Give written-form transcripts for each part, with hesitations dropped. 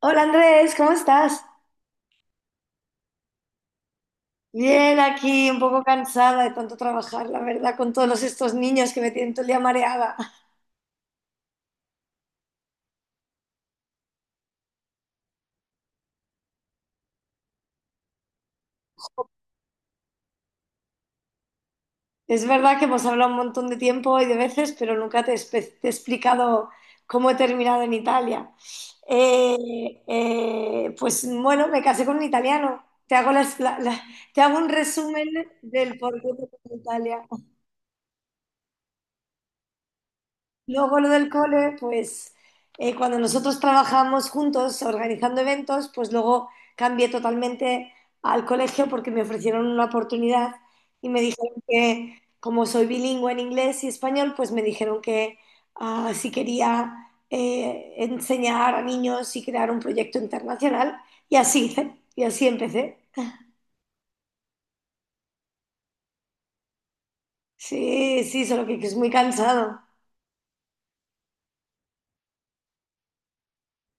Hola Andrés, ¿cómo estás? Bien, aquí un poco cansada de tanto trabajar, la verdad, con todos estos niños que me tienen todo el día mareada. Es verdad que hemos hablado un montón de tiempo y de veces, pero nunca te, te he explicado cómo he terminado en Italia. Pues bueno, me casé con un italiano. Te hago, te hago un resumen del por qué te casé en Italia. Luego lo del cole, pues cuando nosotros trabajamos juntos organizando eventos, pues luego cambié totalmente al colegio porque me ofrecieron una oportunidad y me dijeron que como soy bilingüe en inglés y español, pues me dijeron que ah, si quería enseñar a niños y crear un proyecto internacional y así hice, y así empecé. Sí, sí, solo que es muy cansado.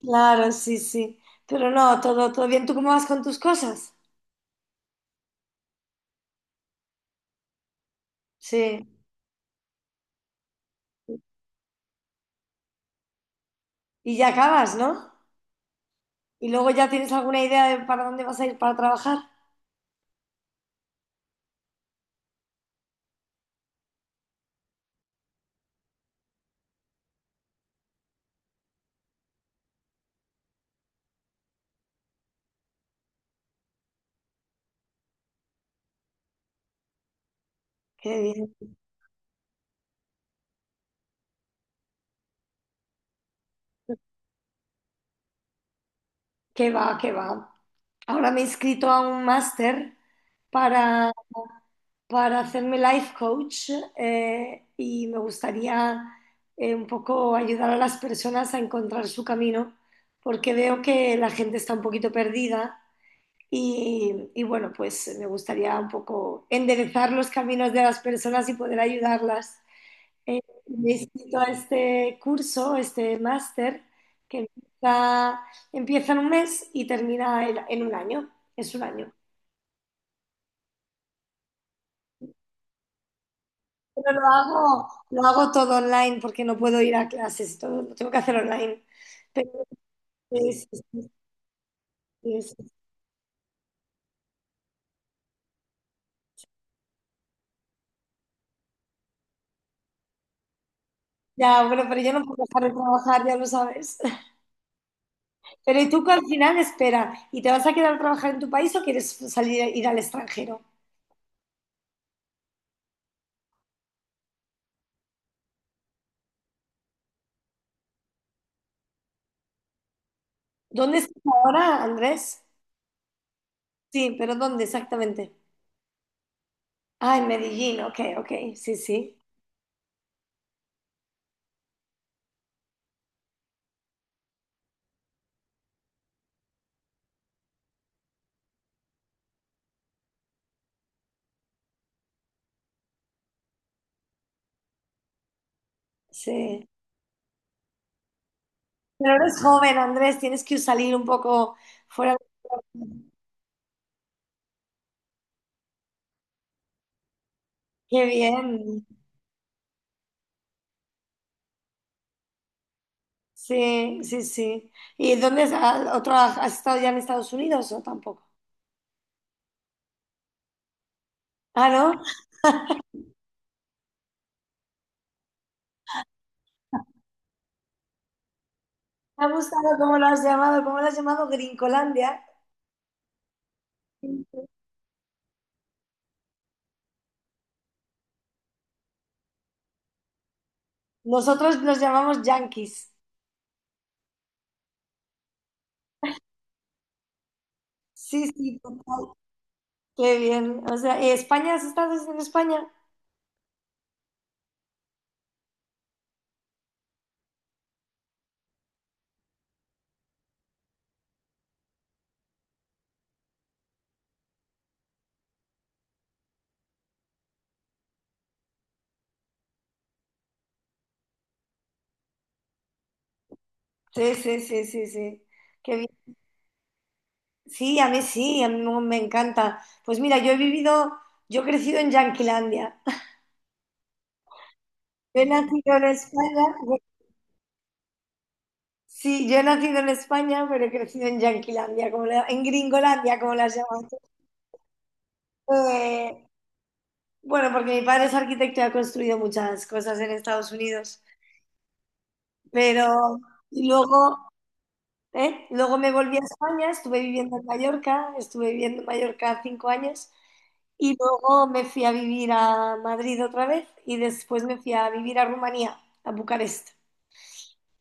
Claro, sí, sí. Pero no, todo, todo bien. ¿Tú cómo vas con tus cosas? Sí. Y ya acabas, ¿no? Y luego ya tienes alguna idea de para dónde vas a ir para trabajar. Qué bien. Qué va, qué va. Ahora me he inscrito a un máster para, para hacerme life coach y me gustaría un poco ayudar a las personas a encontrar su camino porque veo que la gente está un poquito perdida y bueno, pues me gustaría un poco enderezar los caminos de las personas y poder ayudarlas. Eh, Me he inscrito a este curso, este máster, que empieza, empieza en un mes y termina en un año. Es un año. Pero lo hago todo online porque no puedo ir a clases, todo lo tengo que hacer online. Pero sí, sí, sí, sí, sí. Ya, bueno, pero yo no puedo dejar de trabajar, ya lo sabes. Pero ¿y tú que al final espera? ¿Y te vas a quedar a trabajar en tu país o quieres salir a ir al extranjero? ¿Dónde estás ahora, Andrés? Sí, pero ¿dónde exactamente? Ah, en Medellín, ok, ok, sí, sí, sí. Pero eres joven, Andrés, tienes que salir un poco fuera. Qué bien, sí, sí, sí. ¿Y dónde has, has estado ya en Estados Unidos o tampoco? Ah, ¿no? Me ha gustado cómo lo has llamado, cómo lo has llamado Gringolandia. Nosotros los llamamos yanquis. Sí, sí, total. Qué bien. O sea, ¿y España? ¿Has estado en España? Sí, sí, sí, sí, sí. Qué bien. Sí, a mí me encanta. Pues mira, yo he crecido en Yanquilandia. Yo he nacido en España, sí, yo he nacido en España, pero he crecido en Yanquilandia, como en Gringolandia, como las llaman. Eh, bueno, porque mi padre es arquitecto y ha construido muchas cosas en Estados Unidos, pero y luego ¿eh? Luego me volví a España, estuve viviendo en Mallorca cinco años y luego me fui a vivir a Madrid otra vez y después me fui a vivir a Rumanía, a Bucarest.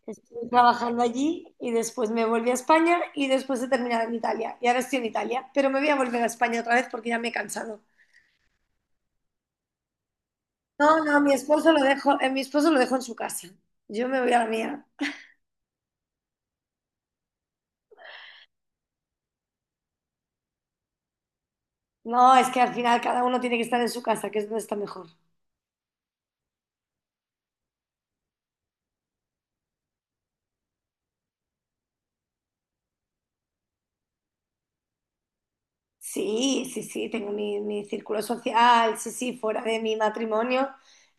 Estuve trabajando allí y después me volví a España y después he terminado en Italia. Y ahora estoy en Italia, pero me voy a volver a España otra vez porque ya me he cansado. No, no, mi esposo lo dejo, mi esposo lo dejo en su casa. Yo me voy a la mía. No, es que al final cada uno tiene que estar en su casa, que es donde está mejor. Sí, sí, sí, tengo mi, mi círculo social, sí, sí, fuera de mi matrimonio.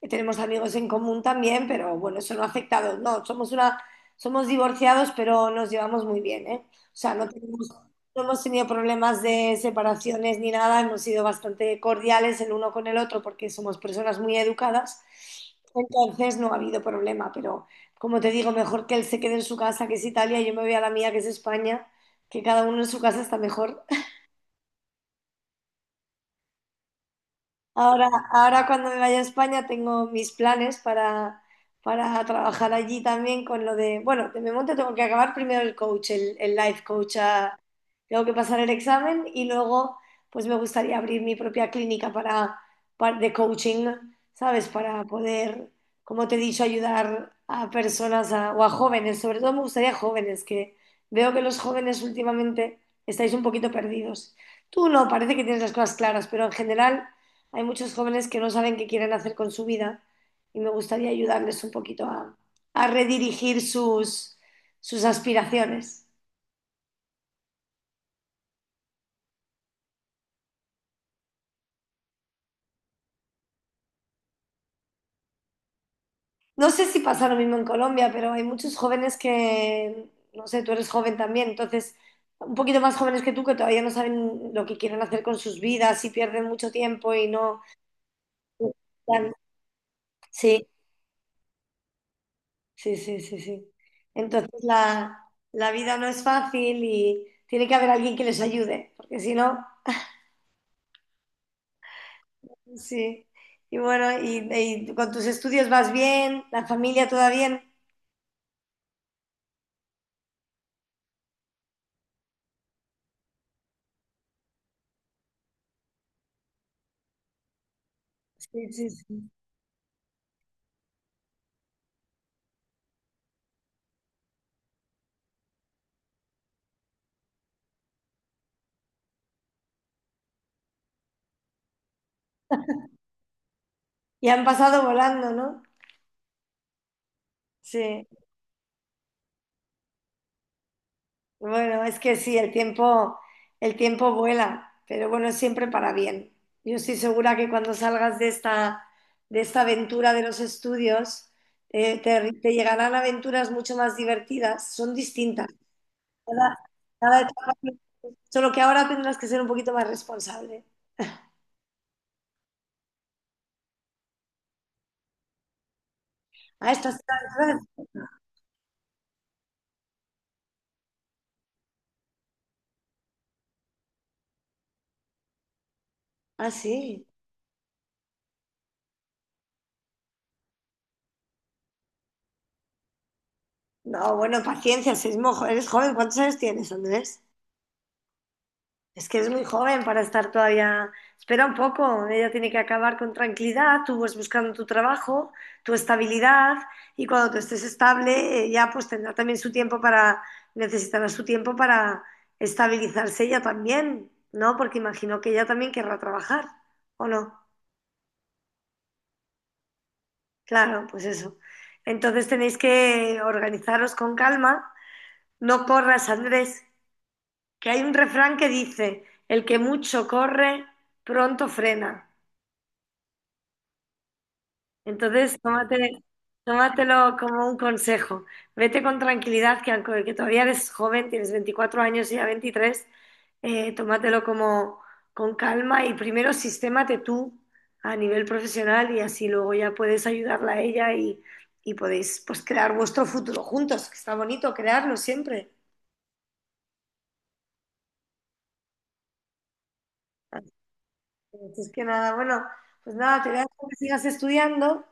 Tenemos amigos en común también, pero bueno, eso no ha afectado. No, somos una, Somos divorciados, pero nos llevamos muy bien, ¿eh? Sea, no tenemos, no hemos tenido problemas de separaciones ni nada, hemos sido bastante cordiales el uno con el otro porque somos personas muy educadas. Entonces no ha habido problema, pero como te digo, mejor que él se quede en su casa, que es Italia, y yo me voy a la mía, que es España, que cada uno en su casa está mejor. Ahora, ahora cuando me vaya a España tengo mis planes para trabajar allí también con lo de, bueno, de momento tengo que acabar primero el coach, el life coach, ah, tengo que pasar el examen y luego pues me gustaría abrir mi propia clínica de coaching, ¿sabes? Para poder, como te he dicho, ayudar a personas o a jóvenes, sobre todo me gustaría jóvenes, que veo que los jóvenes últimamente estáis un poquito perdidos. Tú no, parece que tienes las cosas claras, pero en general hay muchos jóvenes que no saben qué quieren hacer con su vida y me gustaría ayudarles un poquito a redirigir sus, sus aspiraciones. No sé si pasa lo mismo en Colombia, pero hay muchos jóvenes que, no sé, tú eres joven también, entonces un poquito más jóvenes que tú que todavía no saben lo que quieren hacer con sus vidas y pierden mucho tiempo y no... Sí, sí, sí, sí, sí. Entonces la vida no es fácil y tiene que haber alguien que les ayude, porque si no... Sí. Y bueno, y con tus estudios vas bien, la familia toda bien. Sí, sí, sí. Y han pasado volando, ¿no? Sí. Bueno, es que sí, el tiempo vuela, pero bueno, es siempre para bien. Yo estoy segura que cuando salgas de esta aventura de los estudios, te llegarán aventuras mucho más divertidas, son distintas. Cada, cada etapa- Solo que ahora tendrás que ser un poquito más responsable. Ah, estás... Ah, sí. No, bueno, paciencia, si es eres joven, ¿cuántos años tienes, Andrés? Es que es muy joven para estar todavía. Espera un poco, ella tiene que acabar con tranquilidad, tú vas buscando tu trabajo, tu estabilidad, y cuando tú estés estable, ya pues tendrá también su tiempo necesitará su tiempo para estabilizarse ella también, ¿no? Porque imagino que ella también querrá trabajar, ¿o no? Claro, pues eso. Entonces tenéis que organizaros con calma, no corras, Andrés. Que hay un refrán que dice, el que mucho corre, pronto frena. Entonces, tómate, Tómatelo como un consejo. Vete con tranquilidad, que aunque que todavía eres joven, tienes 24 años y ya 23, tómatelo como con calma y primero sistémate tú a nivel profesional y así luego ya puedes ayudarla a ella y podéis pues crear vuestro futuro juntos, que está bonito crearlo siempre. Entonces, que nada, bueno, pues nada, te dejo que sigas estudiando,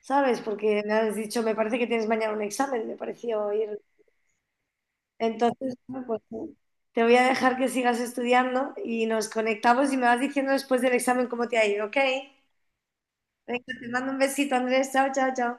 ¿sabes? Porque me has dicho, me parece que tienes mañana un examen, me pareció oír. Entonces, bueno, pues te voy a dejar que sigas estudiando y nos conectamos y me vas diciendo después del examen cómo te ha ido, ¿ok? Venga, te mando un besito, Andrés. Chao, chao, chao.